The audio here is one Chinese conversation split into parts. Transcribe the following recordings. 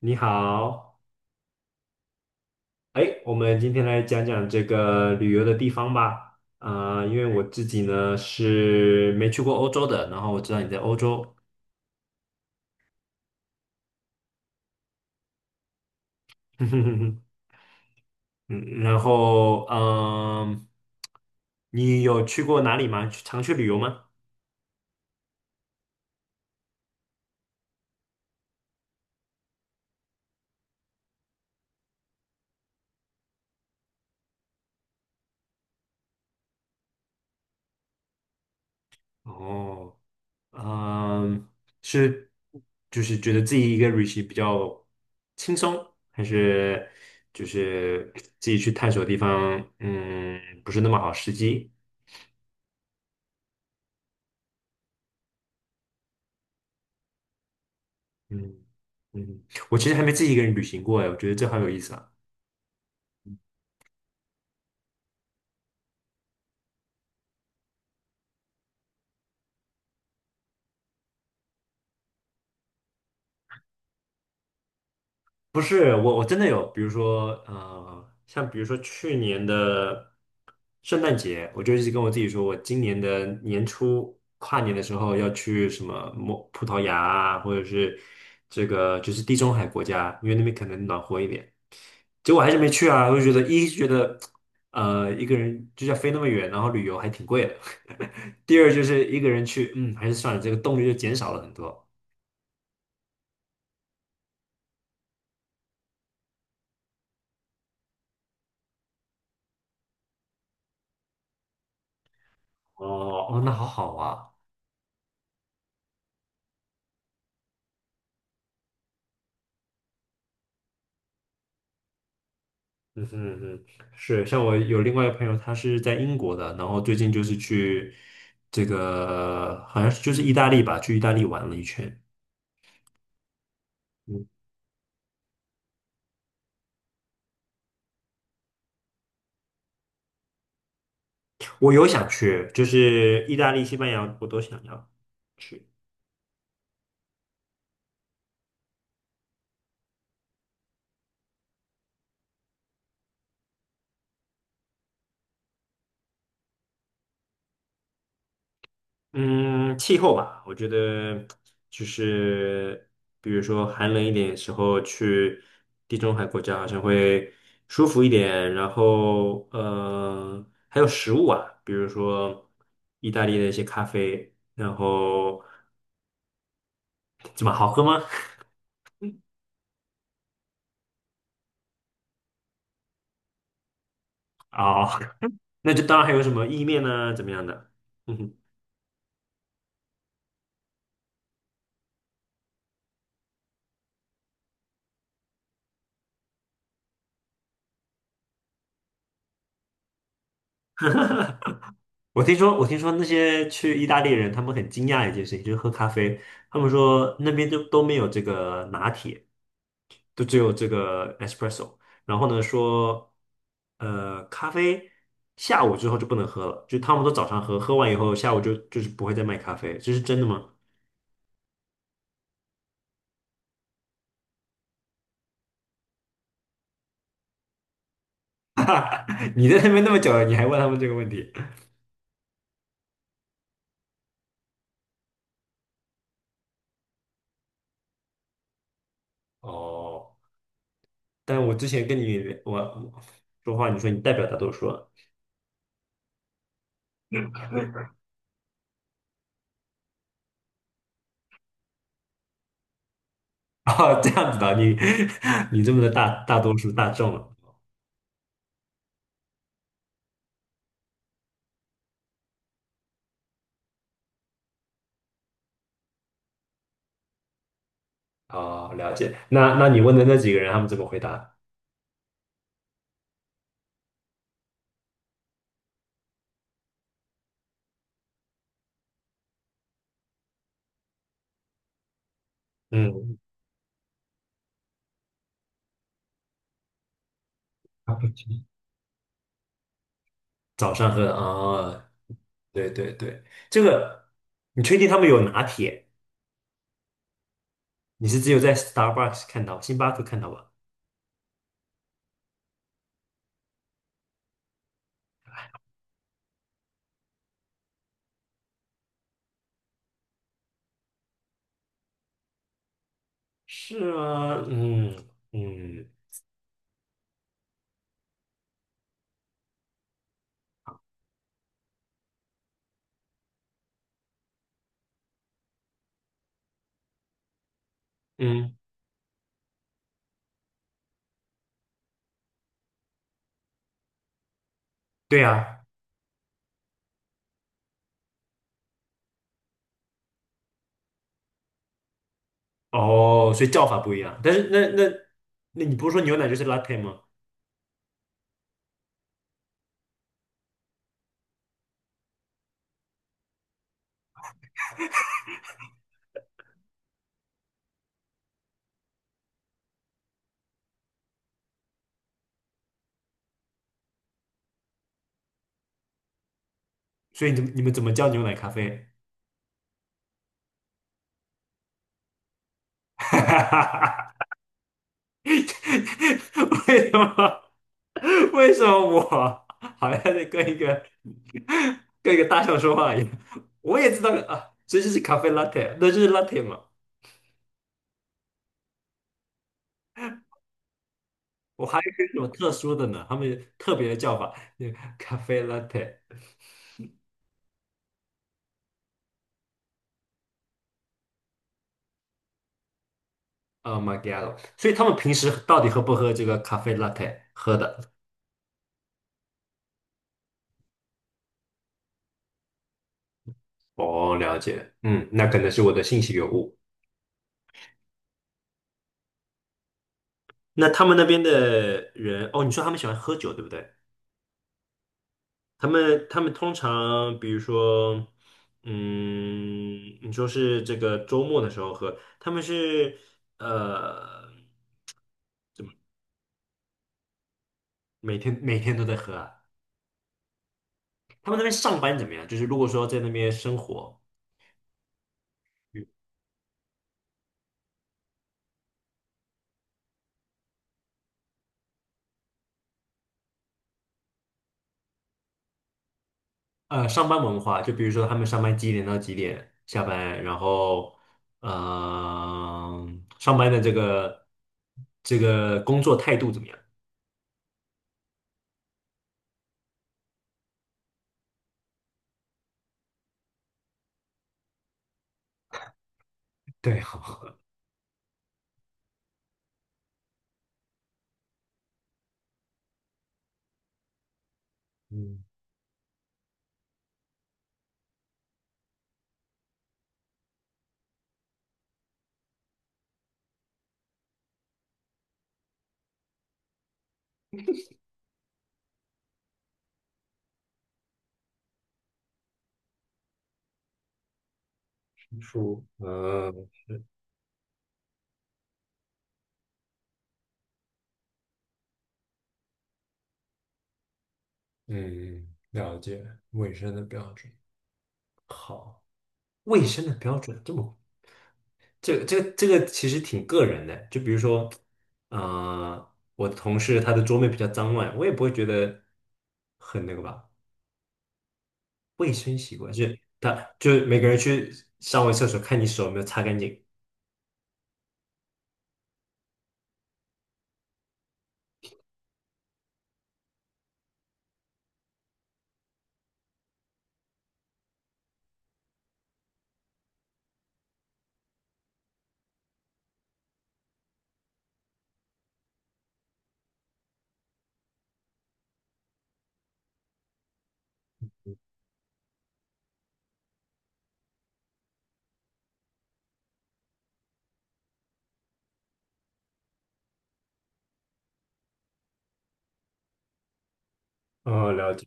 你好，哎，我们今天来讲讲这个旅游的地方吧。啊，因为我自己呢是没去过欧洲的，然后我知道你在欧洲。嗯。然后你有去过哪里吗？去常去旅游吗？哦，嗯，是，就是觉得自己一个旅行比较轻松，还是就是自己去探索地方，不是那么好时机？嗯嗯。我其实还没自己一个人旅行过哎，我觉得这好有意思啊。不是我，我真的有，比如说，像比如说去年的圣诞节，我就一直跟我自己说，我今年的年初跨年的时候要去什么葡萄牙啊，或者是这个就是地中海国家，因为那边可能暖和一点。结果还是没去啊，我就觉得一是觉得，一个人就要飞那么远，然后旅游还挺贵的。第二就是一个人去，还是算了，这个动力就减少了很多。哦哦，那好好啊。嗯哼，嗯哼。是，像我有另外一个朋友，他是在英国的，然后最近就是去这个好像是就是意大利吧，去意大利玩了一圈。嗯，我有想去，就是意大利、西班牙我都想要去。嗯，气候吧，我觉得就是比如说寒冷一点的时候去地中海国家好像会舒服一点，然后还有食物啊，比如说意大利的一些咖啡，然后怎么好喝吗？哦，那就当然还有什么意面呢、怎么样的？嗯哼。我听说那些去意大利人他们很惊讶一件事情，就是喝咖啡，他们说那边都没有这个拿铁。都只有这个 espresso。然后呢，说咖啡下午之后就不能喝了，就他们都早上喝，喝完以后下午就是不会再卖咖啡，这是真的吗？你在那边那么久了，你还问他们这个问题？哦，但我之前跟你我说话，你说你代表大多数啊。哦，这样子的，你 你这么的大大多数大众了。哦，了解。那那你问的那几个人，他们怎么回答？嗯，早上喝的啊，哦，对对对。这个你确定他们有拿铁？你是只有在 Starbucks 看到，星巴克看到吧？是吗？嗯嗯嗯，对啊。哦，所以叫法不一样。但是那你不是说牛奶就是 latte 吗？所以你你们怎么叫牛奶咖啡？为什么为什么我好像在跟一个大象说话一样？我也知道啊，所以这就是咖啡 latte，那就是 latte 嘛。我还以为是有一种特殊的呢，他们有特别的叫法，那个咖啡 latte，呃 machiato 所以他们平时到底喝不喝这个咖啡 latte 喝的？哦，了解，嗯，那可能是我的信息有误。那他们那边的人，哦，你说他们喜欢喝酒，对不对？他们通常，比如说，嗯，你说是这个周末的时候喝，他们是呃，怎么每天都在喝啊？他们那边上班怎么样？就是如果说在那边生活。嗯，上班文化，就比如说他们上班几点到几点下班，然后呃，上班的这个工作态度怎么样？对，好，嗯，书，嗯嗯，了解，卫生的标准，好。卫生的标准这个其实挺个人的，就比如说，呃，我的同事他的桌面比较脏乱，我也不会觉得很那个吧。卫生习惯，就是他就是每个人去上完厕所看你手有没有擦干净。哦，了解。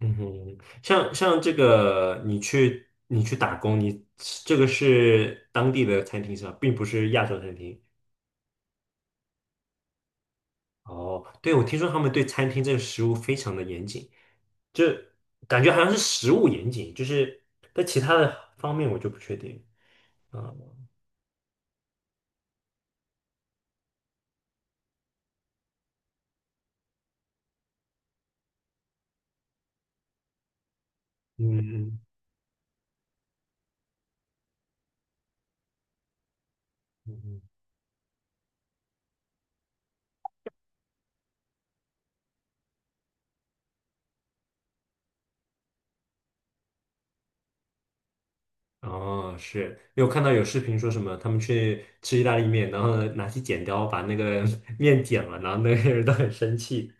嗯哼。像这个你去打工，你这个是当地的餐厅是吧，并不是亚洲餐厅。哦，对，我听说他们对餐厅这个食物非常的严谨。就感觉好像是食物严谨，就是在其他的方面我就不确定啊。嗯嗯嗯嗯，哦，是，因为我看到有视频说什么，他们去吃意大利面，然后呢拿起剪刀把那个 面剪了，然后那些人都很生气。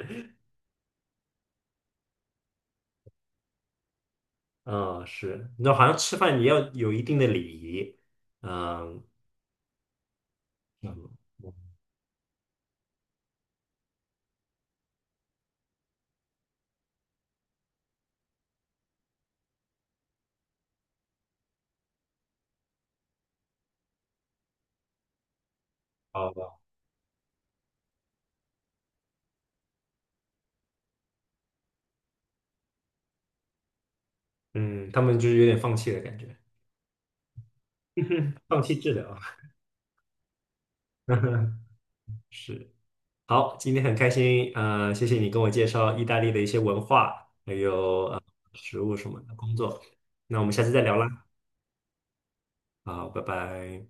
啊，是，你知道好像吃饭也要有一定的礼仪。嗯，嗯，好吧，嗯，他们就是有点放弃的感觉，放弃治疗。是。好，今天很开心，谢谢你跟我介绍意大利的一些文化，还有食物什么的工作。那我们下次再聊啦，好，拜拜。